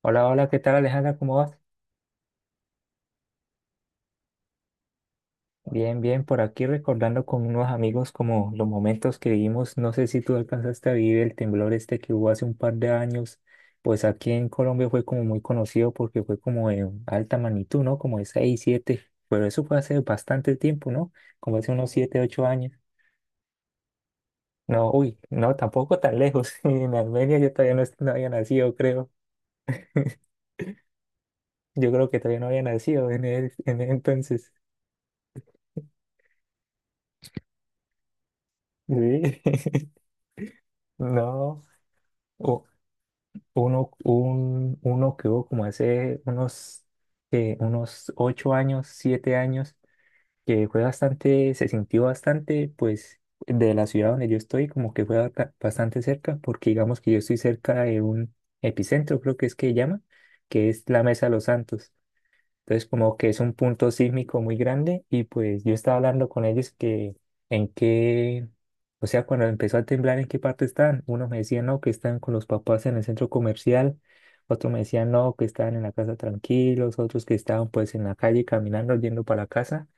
Hola, hola, ¿qué tal Alejandra? ¿Cómo vas? Bien, bien, por aquí recordando con unos amigos como los momentos que vivimos. No sé si tú alcanzaste a vivir el temblor este que hubo hace un par de años. Pues aquí en Colombia fue como muy conocido porque fue como de alta magnitud, ¿no? Como de 6 7. Pero eso fue hace bastante tiempo, ¿no? Como hace unos 7 8 años. No, uy, no, tampoco tan lejos. En Armenia yo todavía no, no había nacido, creo. Yo creo que todavía no había nacido en el entonces. Sí. No. Uno que hubo como hace unos, unos ocho años, siete años, que fue bastante, se sintió bastante, pues, de la ciudad donde yo estoy, como que fue bastante cerca, porque digamos que yo estoy cerca de un epicentro, creo que es que llama, que es la Mesa de los Santos. Entonces, como que es un punto sísmico muy grande y pues yo estaba hablando con ellos que en qué, o sea, cuando empezó a temblar, en qué parte están. Unos me decían, no, que están con los papás en el centro comercial, otros me decían, no, que estaban en la casa tranquilos, otros que estaban pues en la calle caminando, yendo para la casa.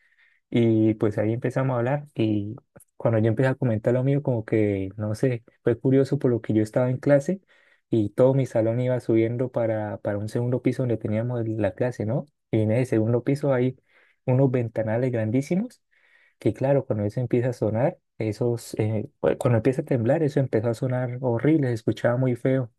Y pues ahí empezamos a hablar y cuando yo empecé a comentar lo mío, como que, no sé, fue curioso por lo que yo estaba en clase y todo mi salón iba subiendo para un segundo piso donde teníamos la clase, ¿no? Y en ese segundo piso hay unos ventanales grandísimos que claro, cuando eso empieza a sonar, esos, cuando empieza a temblar, eso empezó a sonar horrible, se escuchaba muy feo.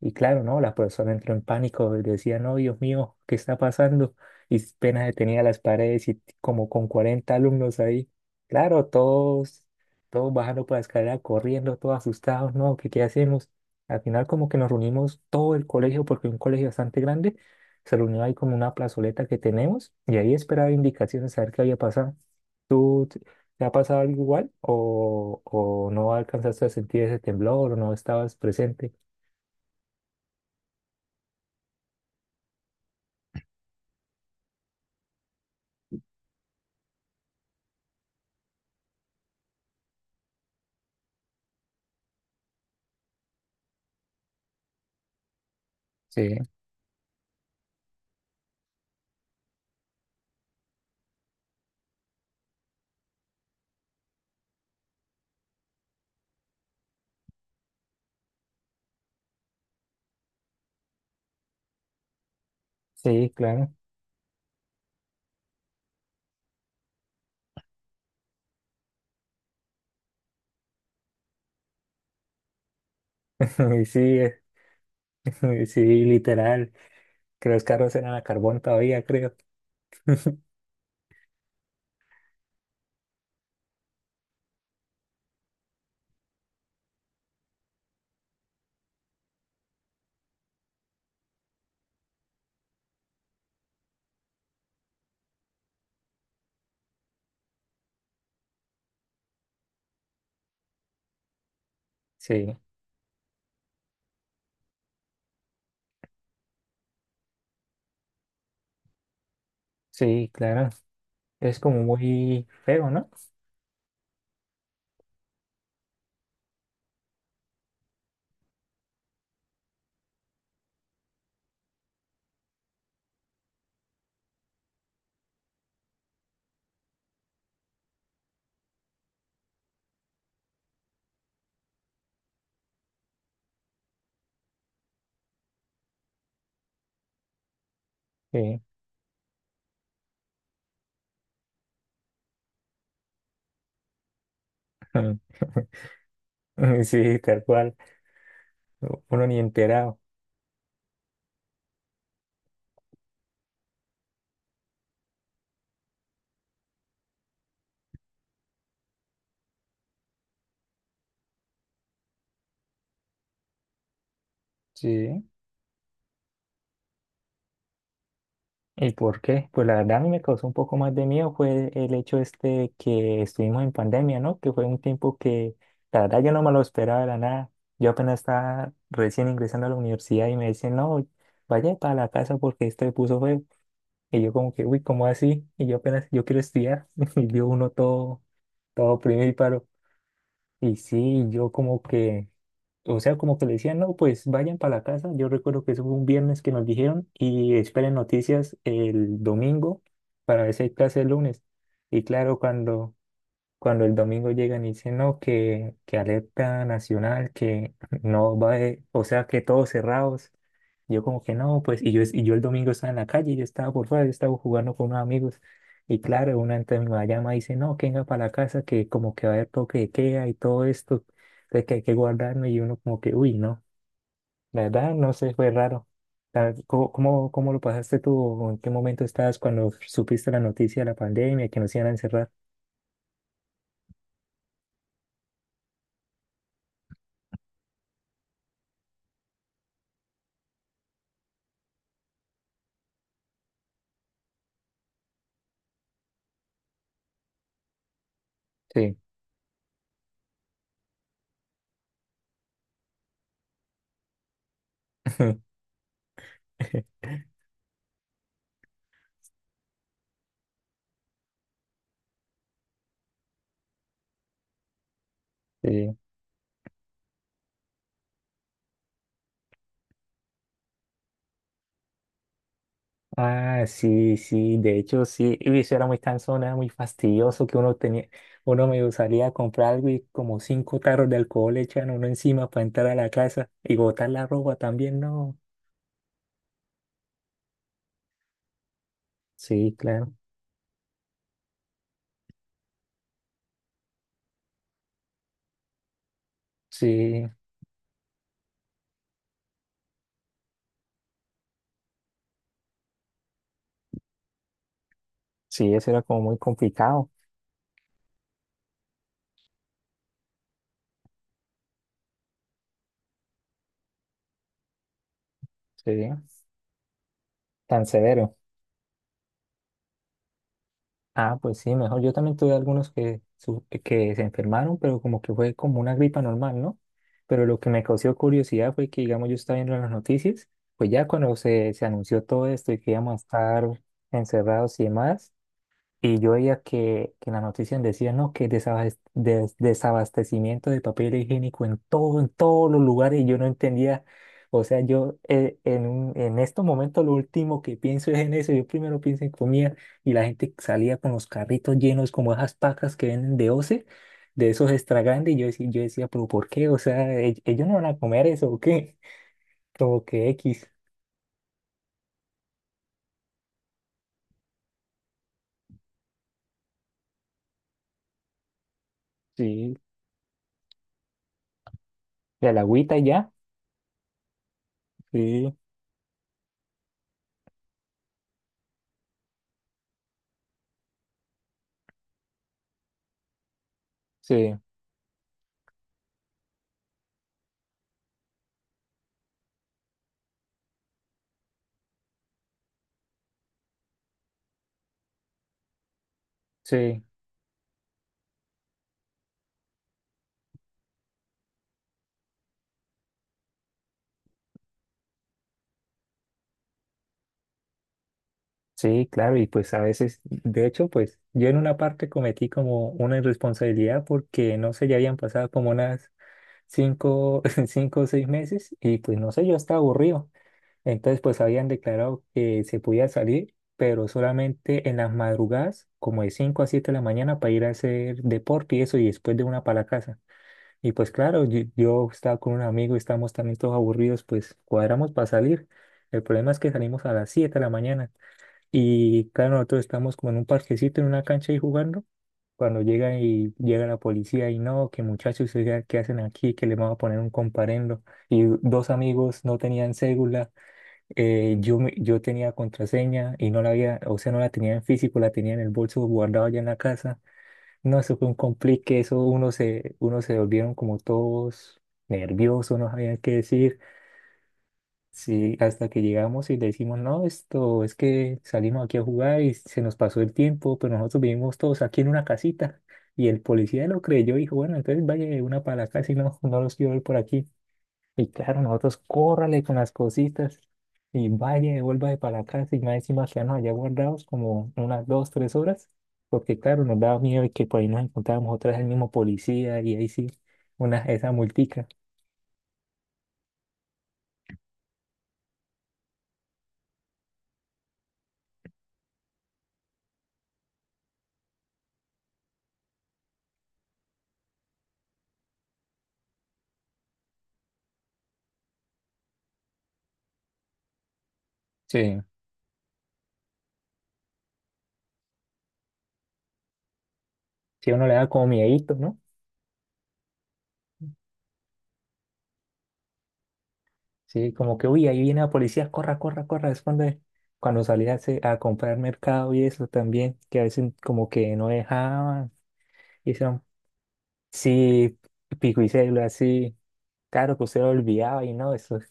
Y claro, no, la persona entró en pánico, y decía, no, Dios mío, ¿qué está pasando? Y apenas detenía las paredes y como con 40 alumnos ahí. Claro, todos, todos bajando por la escalera, corriendo, todos asustados, no, ¿qué, qué hacemos? Al final como que nos reunimos todo el colegio, porque es un colegio bastante grande, se reunió ahí como una plazoleta que tenemos y ahí esperaba indicaciones a ver qué había pasado. ¿Tú te ha pasado algo igual o no alcanzaste a sentir ese temblor o no estabas presente? Sí. Sí, claro. Y sí, sí, literal. Que los carros eran a carbón todavía, creo. Sí, sí, claro. Es como muy feo, ¿no? Sí, sí, tal cual. Uno ni enterado. Sí. ¿Y por qué? Pues la verdad a mí me causó un poco más de miedo fue el hecho este que estuvimos en pandemia, ¿no? Que fue un tiempo que la verdad yo no me lo esperaba de la nada. Yo apenas estaba recién ingresando a la universidad y me decían, no, vaya para la casa porque esto se puso feo. Y yo como que, uy, ¿cómo así? Y yo apenas, yo quiero estudiar. Y yo uno todo, todo primíparo. Y sí, yo como que, o sea, como que le decían, no, pues vayan para la casa. Yo recuerdo que eso fue un viernes que nos dijeron y esperen noticias el domingo para ver si hay clase el lunes. Y claro, cuando el domingo llegan y dicen, no, que alerta nacional, que no va, o sea, que todos cerrados. Yo como que no, pues, y yo, es y yo el domingo estaba en la calle, yo estaba por fuera, yo estaba jugando con unos amigos. Y claro, una entre mi mamá llama y dice, no, que venga para la casa, que como que va a haber toque de queda y todo esto, entonces que hay que guardarnos y uno como que, uy, no, la verdad, no sé, fue raro. ¿Cómo lo pasaste tú? ¿O ¿En qué momento estabas cuando supiste la noticia de la pandemia, que nos iban a encerrar? Sí. Sí. Ah, sí, sí, de hecho sí, y eso era muy cansón, era muy fastidioso que uno tenía, uno me salía a comprar algo y como cinco tarros de alcohol le echan a uno encima para entrar a la casa y botar la ropa también, no. Sí, claro, sí, sí, eso era como muy complicado, sí, tan severo. Ah, pues sí, mejor. Yo también tuve algunos que, que se enfermaron, pero como que fue como una gripa normal, ¿no? Pero lo que me causó curiosidad fue que, digamos, yo estaba viendo las noticias, pues ya cuando se anunció todo esto y que íbamos a estar encerrados y demás. Y yo veía que en la noticia decían, no, que desabastecimiento de papel higiénico en todo, en todos los lugares, y yo no entendía. O sea, yo en estos momentos lo último que pienso es en eso. Yo primero pienso en comida y la gente salía con los carritos llenos como esas pacas que venden de OCE, de esos extra grandes. Y yo decía, pero ¿por qué? O sea, ellos no van a comer eso o qué? Como que X. Sí, de la agüita y ya. Sí, sí, sí. Sí, claro, y pues a veces, de hecho, pues yo en una parte cometí como una irresponsabilidad porque no sé, ya habían pasado como unas cinco, cinco o seis meses y pues no sé, yo estaba aburrido. Entonces pues habían declarado que se podía salir, pero solamente en las madrugadas, como de cinco a siete de la mañana para ir a hacer deporte y eso, y después de una para la casa. Y pues claro, yo estaba con un amigo, estamos también todos aburridos, pues cuadramos para salir. El problema es que salimos a las siete de la mañana. Y claro, nosotros estamos como en un parquecito, en una cancha ahí jugando. Cuando llega y llega la policía y no, que muchachos, oiga, ¿qué hacen aquí? Que le vamos a poner un comparendo. Y dos amigos no tenían cédula, yo tenía contraseña y no la había, o sea, no la tenía en físico, la tenía en el bolso guardado allá en la casa. No, eso fue un complique, eso uno se volvieron como todos nerviosos, no sabían qué decir. Sí, hasta que llegamos y le decimos, no, esto es que salimos aquí a jugar y se nos pasó el tiempo, pero nosotros vivimos todos aquí en una casita. Y el policía lo creyó y dijo, bueno, entonces vaya de una para la casa y no, no los quiero ver por aquí. Y claro, nosotros córrale con las cositas y vaya, devuélvase para la casa y más encima quedarnos allá guardados como unas dos, tres horas, porque claro, nos daba miedo de que por ahí nos encontrábamos otra vez el mismo policía y ahí sí, una, esa multica. Sí. Sí, a uno le da como miedito, ¿no? Sí, como que, uy, ahí viene la policía, corra, corra, corra. Es cuando salía a, a comprar mercado y eso también, que a veces como que no dejaban. Y son, sí, pico y cédula, sí. Claro que usted lo olvidaba y no,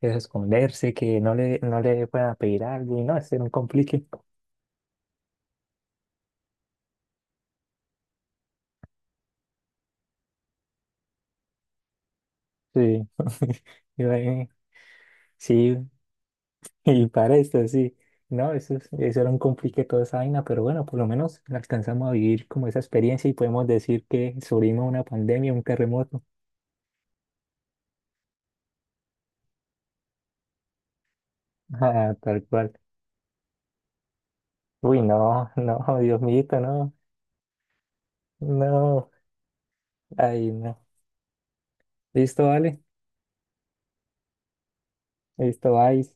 eso es esconderse, que no le puedan pedir algo y no, eso era un complique. Sí, Yo, eh, sí, Y para esto, sí. No, eso, eso era un complique toda esa vaina, pero bueno, por lo menos alcanzamos a vivir como esa experiencia y podemos decir que sobrevivimos a una pandemia, un terremoto. Ah, tal cual. Uy, no, no, Dios mío, no, no. Ay, no. Listo, vale. Listo, bye.